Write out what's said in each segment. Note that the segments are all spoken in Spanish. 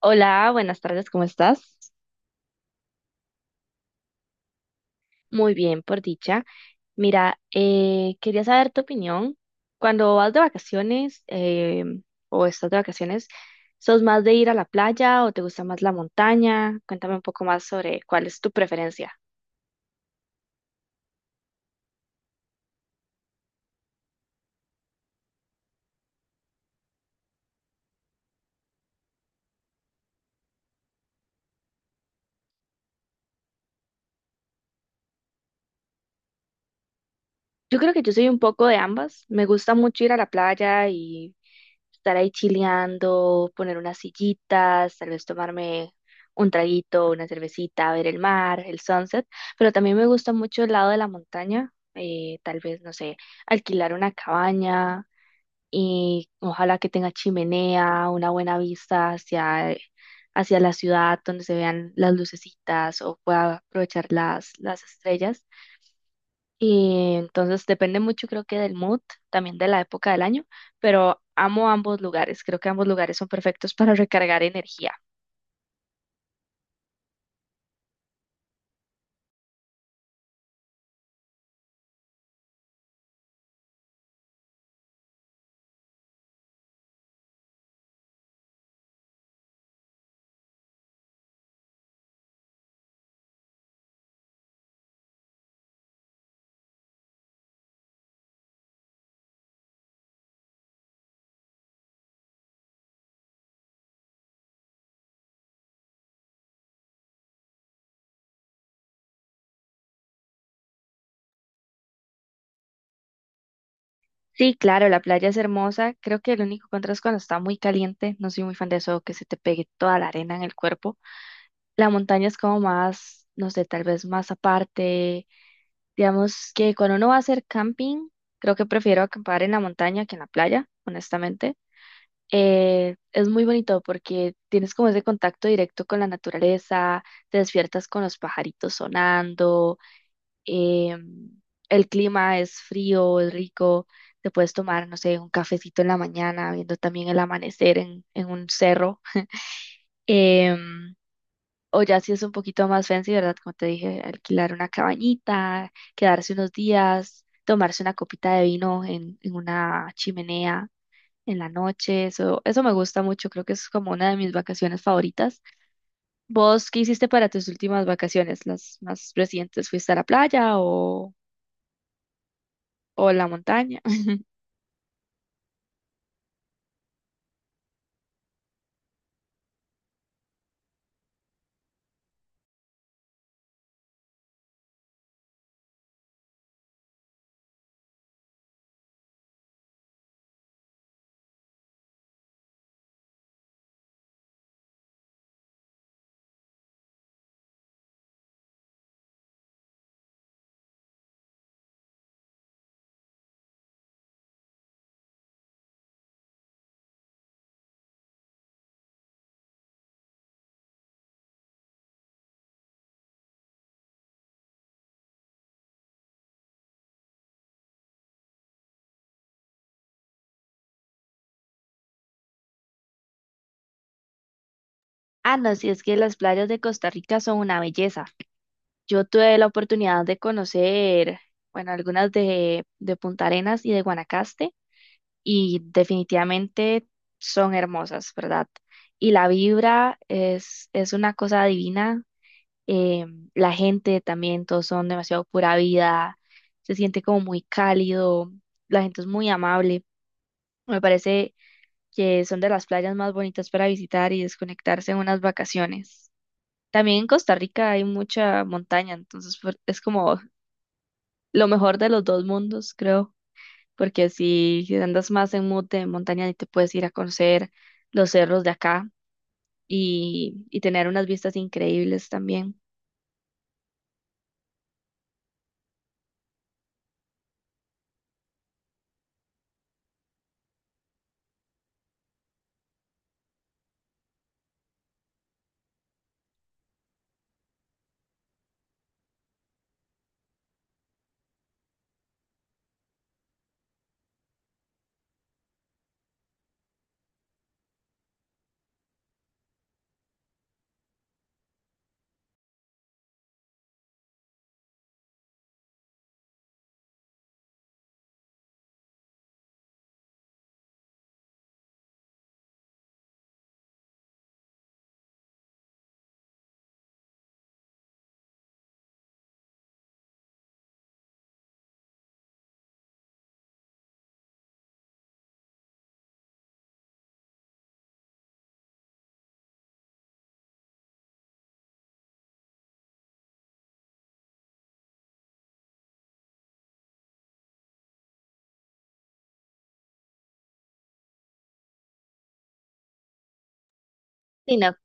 Hola, buenas tardes, ¿cómo estás? Muy bien, por dicha. Mira, quería saber tu opinión. Cuando vas de vacaciones o estás de vacaciones, ¿sos más de ir a la playa o te gusta más la montaña? Cuéntame un poco más sobre cuál es tu preferencia. Yo creo que yo soy un poco de ambas. Me gusta mucho ir a la playa y estar ahí chileando, poner unas sillitas, tal vez tomarme un traguito, una cervecita, ver el mar, el sunset, pero también me gusta mucho el lado de la montaña, tal vez, no sé, alquilar una cabaña y ojalá que tenga chimenea, una buena vista hacia la ciudad donde se vean las lucecitas o pueda aprovechar las estrellas. Y entonces depende mucho, creo que del mood, también de la época del año, pero amo ambos lugares. Creo que ambos lugares son perfectos para recargar energía. Sí, claro, la playa es hermosa. Creo que el único contra es cuando está muy caliente. No soy muy fan de eso, que se te pegue toda la arena en el cuerpo. La montaña es como más, no sé, tal vez más aparte. Digamos que cuando uno va a hacer camping, creo que prefiero acampar en la montaña que en la playa, honestamente. Es muy bonito porque tienes como ese contacto directo con la naturaleza, te despiertas con los pajaritos sonando, em, el clima es frío, es rico, te puedes tomar, no sé, un cafecito en la mañana, viendo también el amanecer en un cerro. em, o ya si es un poquito más fancy, ¿verdad? Como te dije, alquilar una cabañita, quedarse unos días, tomarse una copita de vino en una chimenea en la noche, eso me gusta mucho, creo que es como una de mis vacaciones favoritas. ¿Vos qué hiciste para tus últimas vacaciones, las más recientes? ¿Fuiste a la playa o a la montaña? Ah, no, sí es que las playas de Costa Rica son una belleza. Yo tuve la oportunidad de conocer, bueno, algunas de Punta Arenas y de Guanacaste y definitivamente son hermosas, ¿verdad? Y la vibra es una cosa divina. eh, la gente también, todos son demasiado pura vida, se siente como muy cálido, la gente es muy amable. Me parece que son de las playas más bonitas para visitar y desconectarse en unas vacaciones. También en Costa Rica hay mucha montaña, entonces es como lo mejor de los dos mundos, creo, porque si andas más en mood de montaña y te puedes ir a conocer los cerros de acá y tener unas vistas increíbles también. Sí, no.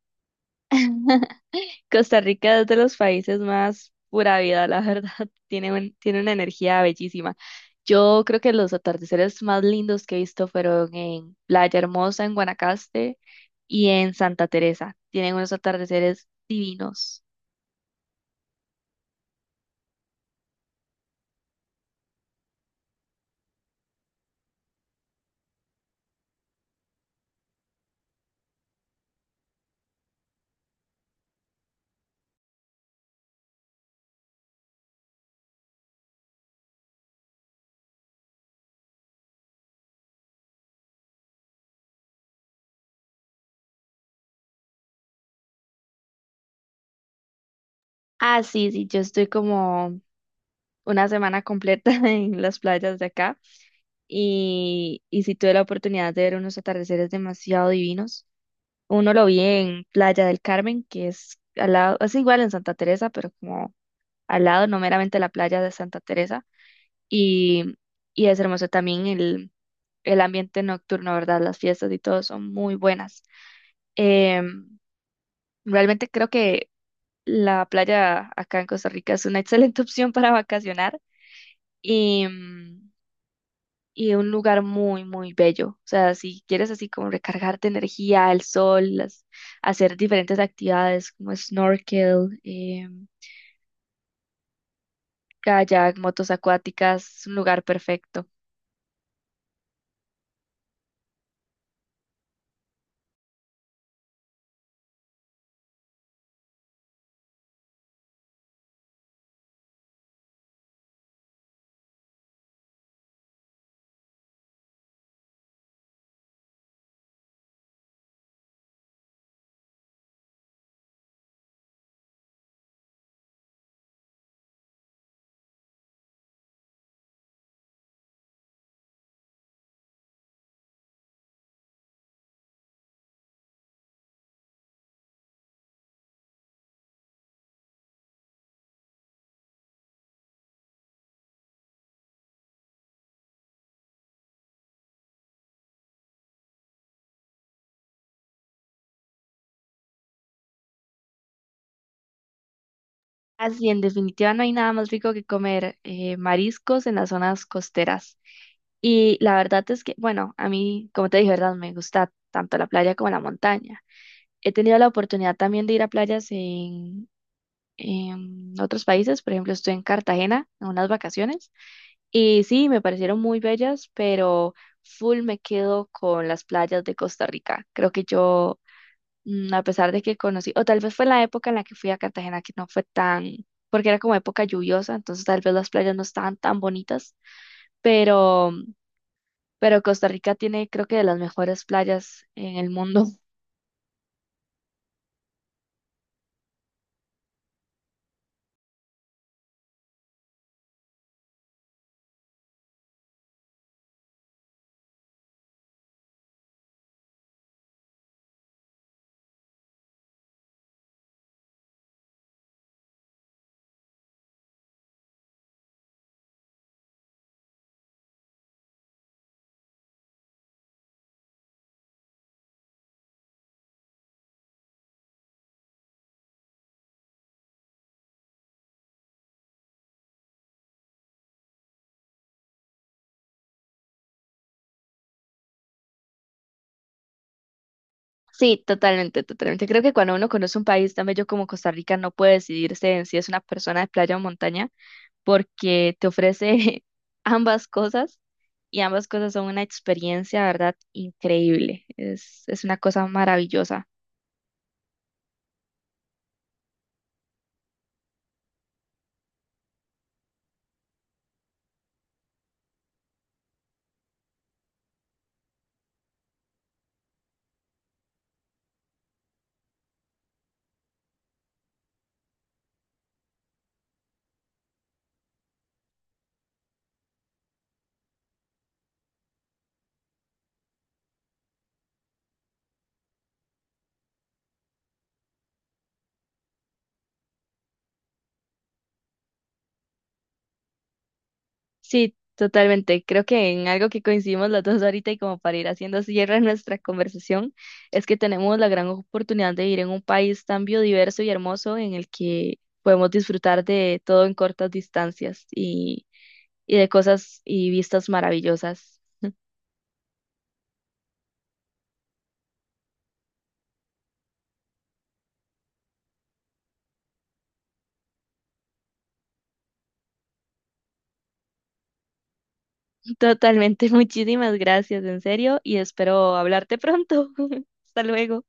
Costa Rica es de los países más pura vida, la verdad. Tiene una energía bellísima. Yo creo que los atardeceres más lindos que he visto fueron en Playa Hermosa, en Guanacaste y en Santa Teresa. Tienen unos atardeceres divinos. Ah, sí, sí, yo estoy como una semana completa en las playas de acá y sí tuve la oportunidad de ver unos atardeceres demasiado divinos. Uno lo vi en Playa del Carmen, que es al lado, es igual en Santa Teresa, pero como al lado, no meramente la playa de Santa Teresa, y, y es hermoso también el ambiente nocturno, ¿verdad? Las fiestas y todo son muy buenas. Em, Realmente creo que la playa acá en Costa Rica es una excelente opción para vacacionar y, y un lugar muy, muy bello. O sea, si quieres así como recargarte energía, el sol, hacer diferentes actividades como snorkel, kayak, motos acuáticas, es un lugar perfecto. Así, en definitiva, no hay nada más rico que comer mariscos en las zonas costeras. Y la verdad es que, bueno, a mí, como te dije, ¿verdad? Me gusta tanto la playa como la montaña. He tenido la oportunidad también de ir a playas en otros países. Por ejemplo, estuve en Cartagena en unas vacaciones. Y sí, me parecieron muy bellas, pero full me quedo con las playas de Costa Rica. Creo que yo a pesar de que conocí, o tal vez fue la época en la que fui a Cartagena que no fue tan, porque era como época lluviosa, entonces tal vez las playas no estaban tan bonitas, pero, pero Costa Rica tiene creo que de las mejores playas en el mundo. Sí, totalmente, totalmente. Creo que cuando uno conoce un país tan bello como Costa Rica no puede decidirse en si es una persona de playa o montaña, porque te ofrece ambas cosas y ambas cosas son una experiencia, ¿verdad? Increíble. Es una cosa maravillosa. Sí, totalmente. Creo que en algo que coincidimos las dos ahorita y como para ir haciendo cierre a nuestra conversación, es que tenemos la gran oportunidad de ir en un país tan biodiverso y hermoso en el que podemos disfrutar de todo en cortas distancias y de cosas y vistas maravillosas. Totalmente. Muchísimas gracias, en serio, y espero hablarte pronto. Hasta luego.